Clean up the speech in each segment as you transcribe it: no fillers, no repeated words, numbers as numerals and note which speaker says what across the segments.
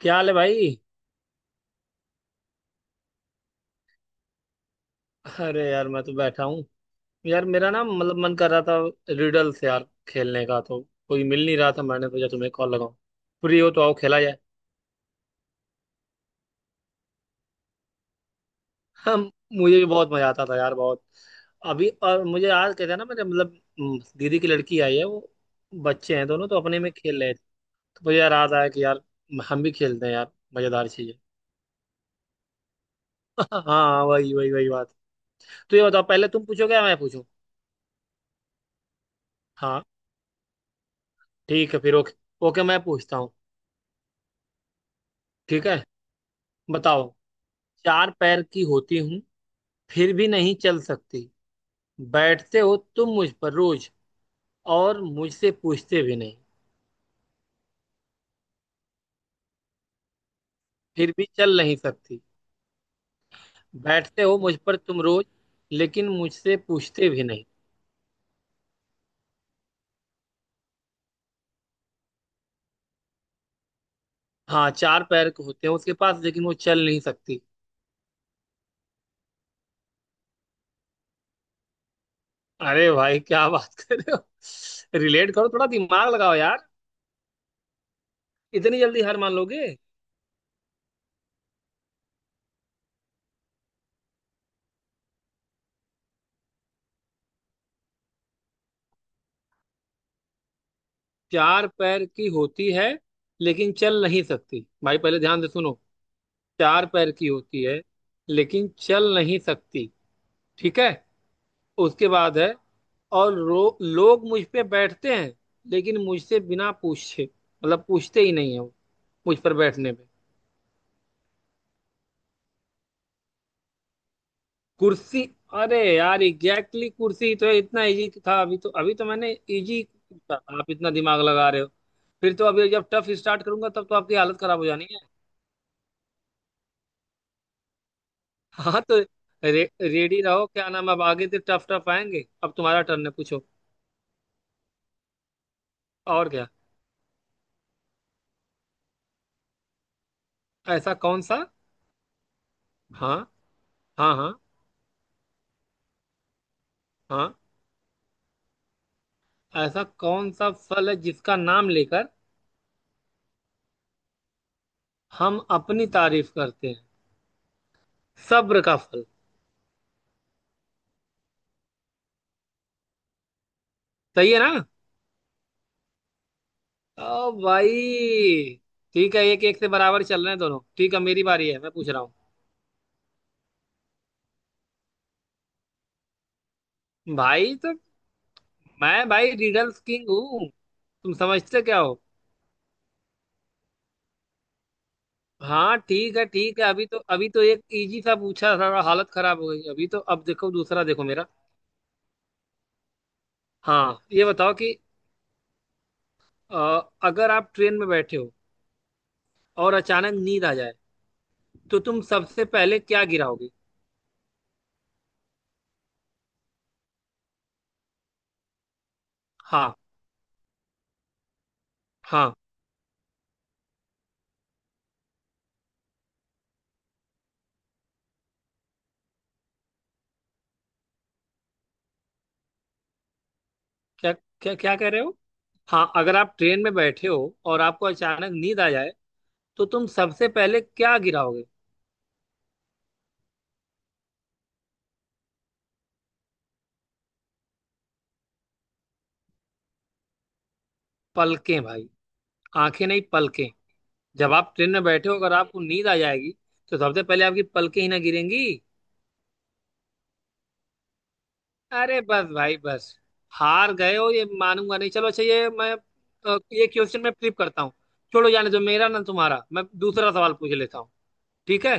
Speaker 1: क्या हाल है भाई। अरे यार मैं तो बैठा हूँ। यार मेरा ना मतलब मन कर रहा था रिडल्स यार खेलने का तो कोई मिल नहीं रहा था। मैंने सोचा तुम्हें कॉल लगाऊं, फ्री हो तो आओ खेला जाए। हम। मुझे भी बहुत मजा आता था यार बहुत। अभी और मुझे याद कहते हैं ना मेरे मतलब दीदी की लड़की आई है, वो बच्चे हैं दोनों तो अपने में खेल रहे थे। तो मुझे यार याद आया कि यार हम भी खेलते हैं यार मजेदार चीजें। हाँ, वही वही वही बात। तो ये बताओ, पहले तुम पूछोगे या मैं पूछूं। हाँ, ठीक है फिर। ओके, ओके मैं पूछता हूँ। ठीक है। बताओ। चार पैर की होती हूँ, फिर भी नहीं चल सकती। बैठते हो तुम मुझ पर रोज, और मुझसे पूछते भी नहीं। फिर भी चल नहीं सकती। बैठते हो मुझ पर तुम रोज, लेकिन मुझसे पूछते भी नहीं। हाँ, चार पैर के होते हैं उसके पास लेकिन वो चल नहीं सकती। अरे भाई क्या बात कर रहे हो, रिलेट करो थोड़ा, दिमाग लगाओ यार। इतनी जल्दी हार मान लोगे। चार पैर की होती है, लेकिन चल नहीं सकती भाई, पहले ध्यान से सुनो। चार पैर की होती है, लेकिन चल नहीं सकती। ठीक है। उसके बाद है और लोग मुझ पे बैठते हैं लेकिन मुझसे बिना पूछे, मतलब पूछते ही नहीं है वो मुझ पर बैठने पे। कुर्सी। अरे यार एग्जैक्टली exactly, कुर्सी तो इतना इजी था, अभी तो मैंने इजी पूछा। आप इतना दिमाग लगा रहे हो। फिर तो अभी जब टफ स्टार्ट करूंगा तब तो आपकी हालत खराब हो जानी है। हाँ तो रेडी रहो क्या नाम, अब आगे से टफ टफ आएंगे। अब तुम्हारा टर्न है, पूछो। और क्या। ऐसा कौन सा। हाँ हाँ हाँ हाँ। ऐसा कौन सा फल है जिसका नाम लेकर हम अपनी तारीफ करते हैं। सब्र का फल। सही है ना। ओ भाई। ठीक है, एक एक से बराबर चल रहे हैं दोनों। ठीक है, मेरी बारी है, मैं पूछ रहा हूँ। भाई तो मैं भाई रिडल्स किंग हूँ। तुम समझते क्या हो। हाँ ठीक है, ठीक है। अभी तो एक इजी सा पूछा था, हालत खराब हो गई। अभी तो अब देखो, दूसरा देखो मेरा। हाँ ये बताओ कि अगर आप ट्रेन में बैठे हो और अचानक नींद आ जाए, तो तुम सबसे पहले क्या गिराओगे। हाँ हाँ। क्या, क्या क्या कह रहे हो। हाँ, अगर आप ट्रेन में बैठे हो और आपको अचानक नींद आ जाए, तो तुम सबसे पहले क्या गिराओगे। पलकें भाई। आंखें नहीं, पलकें। जब आप ट्रेन में बैठे हो, अगर आपको नींद आ जाएगी तो सबसे पहले आपकी पलकें ही ना गिरेंगी। अरे बस भाई बस। हार गए हो ये मानूंगा नहीं, चलो अच्छा ये मैं ये क्वेश्चन मैं फ्लिप करता हूँ। छोड़ो जाने दो, मेरा ना तुम्हारा, मैं दूसरा सवाल पूछ लेता हूँ। ठीक है,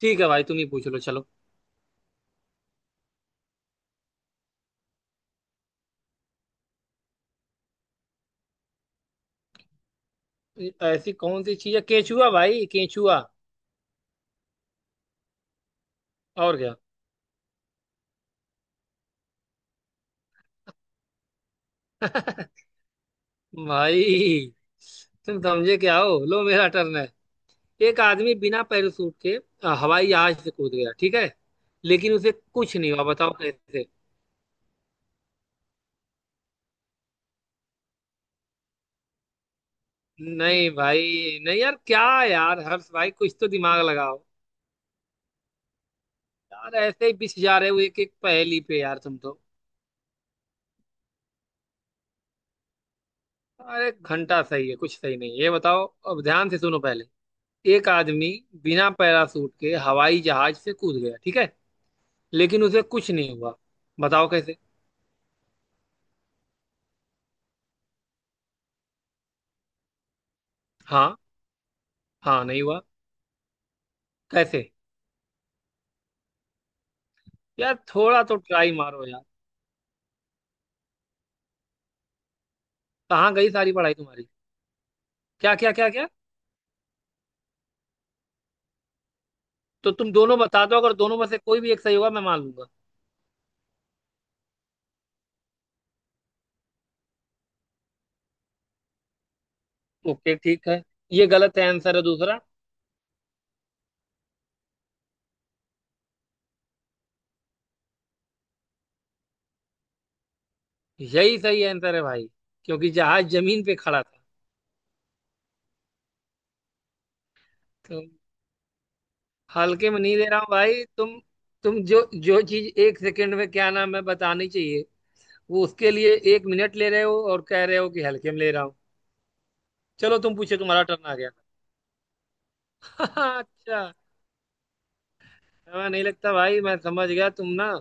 Speaker 1: ठीक है भाई तुम ही पूछ लो चलो। ऐसी कौन सी चीज है, केचुआ भाई केचुआ। और क्या। भाई तुम समझे क्या हो, लो मेरा टर्न है। एक आदमी बिना पैराशूट के हवाई जहाज से कूद गया, ठीक है, लेकिन उसे कुछ नहीं हुआ, बताओ कैसे। नहीं भाई नहीं यार, क्या। यार हर्ष भाई, कुछ तो दिमाग लगाओ। यार ऐसे ही पिस जा रहे हो एक एक पहेली पे, यार तुम तो। अरे घंटा सही है, कुछ सही नहीं है। ये बताओ, अब ध्यान से सुनो पहले। एक आदमी बिना पैराशूट के हवाई जहाज से कूद गया, ठीक है, लेकिन उसे कुछ नहीं हुआ, बताओ कैसे। हाँ हाँ, नहीं हुआ। कैसे। यार थोड़ा तो ट्राई मारो यार। कहाँ गई सारी पढ़ाई तुम्हारी। क्या क्या, क्या क्या। तो तुम दोनों बता दो, अगर दोनों में से कोई भी एक सही होगा मैं मान लूंगा। ओके ठीक है। ये गलत है, आंसर है दूसरा। यही सही आंसर है भाई, क्योंकि जहाज जमीन पे खड़ा था। तुम, हल्के में नहीं ले रहा हूँ भाई तुम। तुम जो जो चीज एक सेकंड में क्या नाम है बतानी चाहिए, वो उसके लिए एक मिनट ले रहे हो, और कह रहे हो कि हल्के में ले रहा हूँ। चलो तुम पूछे, तुम्हारा टर्न आ गया। अच्छा। हमें नहीं लगता भाई, मैं समझ गया तुम ना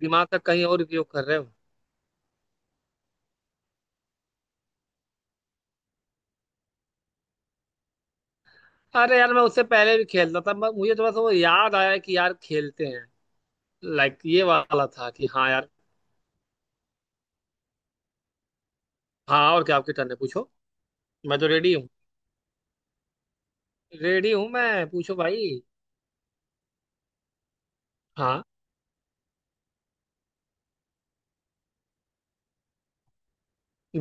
Speaker 1: दिमाग का कहीं और उपयोग कर रहे हो। अरे यार, मैं उससे पहले भी खेलता था, मुझे थोड़ा सा वो याद आया कि यार खेलते हैं, लाइक ये वाला था कि हाँ यार। हाँ और क्या, आपकी टर्न है पूछो। मैं तो रेडी हूँ। रेडी हूँ मैं, पूछो भाई। हाँ।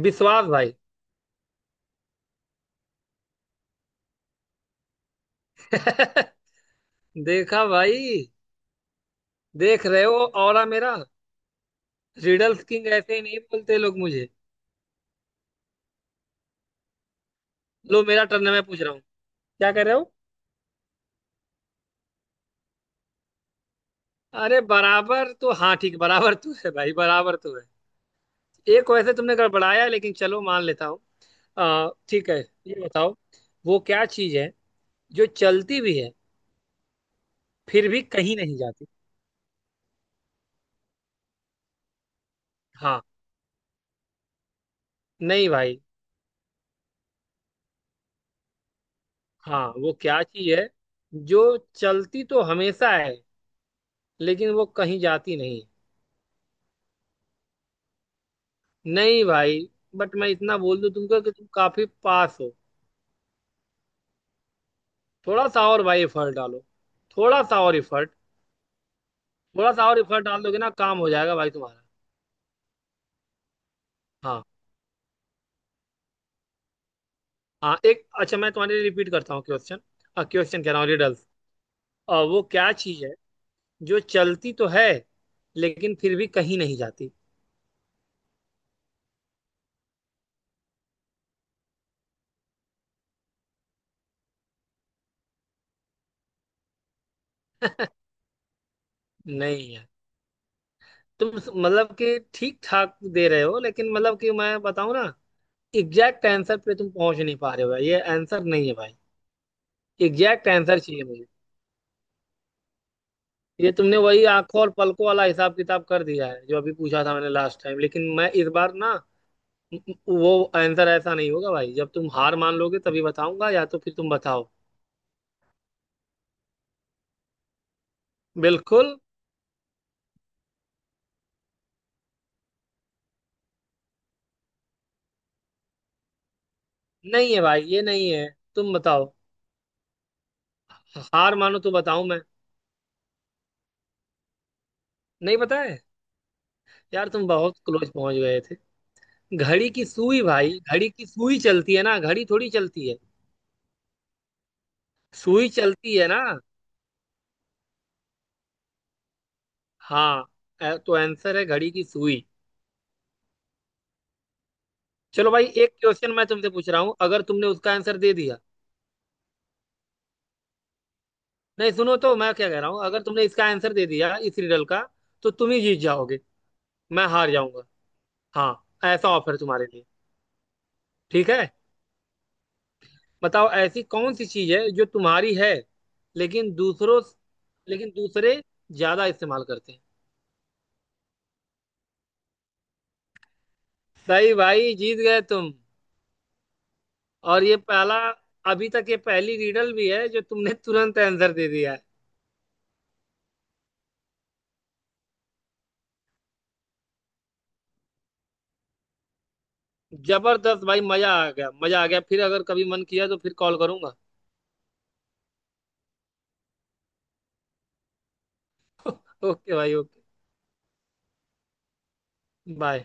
Speaker 1: विश्वास भाई। देखा भाई। देख रहे हो, ऑरा मेरा। रिडल्स किंग ऐसे ही नहीं बोलते लोग मुझे। लो मेरा टर्न है, मैं पूछ रहा हूँ। क्या कर रहे हो। अरे बराबर तो, हाँ ठीक, बराबर तो है भाई, बराबर तो है। एक वैसे तुमने गड़बड़ाया, लेकिन चलो मान लेता हूँ। ठीक है। ये बताओ, वो क्या चीज है जो चलती भी है फिर भी कहीं नहीं जाती। हाँ, नहीं भाई। हाँ वो क्या चीज है जो चलती तो हमेशा है, लेकिन वो कहीं जाती नहीं। नहीं भाई, बट मैं इतना बोल दूं तुमको कि तुम काफी पास हो। थोड़ा सा और भाई एफर्ट डालो, थोड़ा सा और एफर्ट। थोड़ा सा और एफर्ट डाल दोगे ना, काम हो जाएगा भाई तुम्हारा। हाँ हाँ, एक अच्छा मैं तुम्हारे लिए रिपीट करता हूँ क्वेश्चन। क्वेश्चन कह रहा हूँ, रिडल्स, वो क्या चीज है जो चलती तो है, लेकिन फिर भी कहीं नहीं जाती। नहीं है। तुम मतलब कि ठीक ठाक दे रहे हो, लेकिन मतलब कि मैं बताऊँ ना, एग्जैक्ट आंसर पे तुम पहुंच नहीं पा रहे हो भाई, ये आंसर नहीं है भाई। एग्जैक्ट आंसर चाहिए मुझे। ये तुमने वही आंखों और पलकों वाला हिसाब किताब कर दिया है जो अभी पूछा था मैंने लास्ट टाइम, लेकिन मैं इस बार ना वो आंसर ऐसा नहीं होगा भाई। जब तुम हार मान लोगे तभी बताऊंगा, या तो फिर तुम बताओ। बिल्कुल। नहीं है भाई, ये नहीं है। तुम बताओ। हार मानो तो बताऊं मैं। नहीं पता है। यार तुम बहुत क्लोज पहुंच गए थे। घड़ी की सुई भाई, घड़ी की सुई चलती है ना, घड़ी थोड़ी चलती है। सुई चलती है ना। हाँ, तो आंसर है घड़ी की सुई। चलो भाई, एक क्वेश्चन मैं तुमसे पूछ रहा हूँ, अगर तुमने उसका आंसर दे दिया। नहीं सुनो तो, मैं क्या कह रहा हूँ, अगर तुमने इसका आंसर दे दिया इस रिडल का तो तुम ही जीत जाओगे, मैं हार जाऊंगा। हाँ, ऐसा ऑफर तुम्हारे लिए। ठीक है, बताओ, ऐसी कौन सी चीज है जो तुम्हारी है, लेकिन दूसरों, लेकिन दूसरे ज्यादा इस्तेमाल करते हैं। सही भाई, जीत गए तुम। और ये पहला, अभी तक ये पहली रिडल भी है जो तुमने तुरंत आंसर दे दिया है। जबरदस्त भाई, मजा आ गया, मजा आ गया। फिर अगर कभी मन किया तो फिर कॉल करूंगा। ओके भाई, ओके, बाय।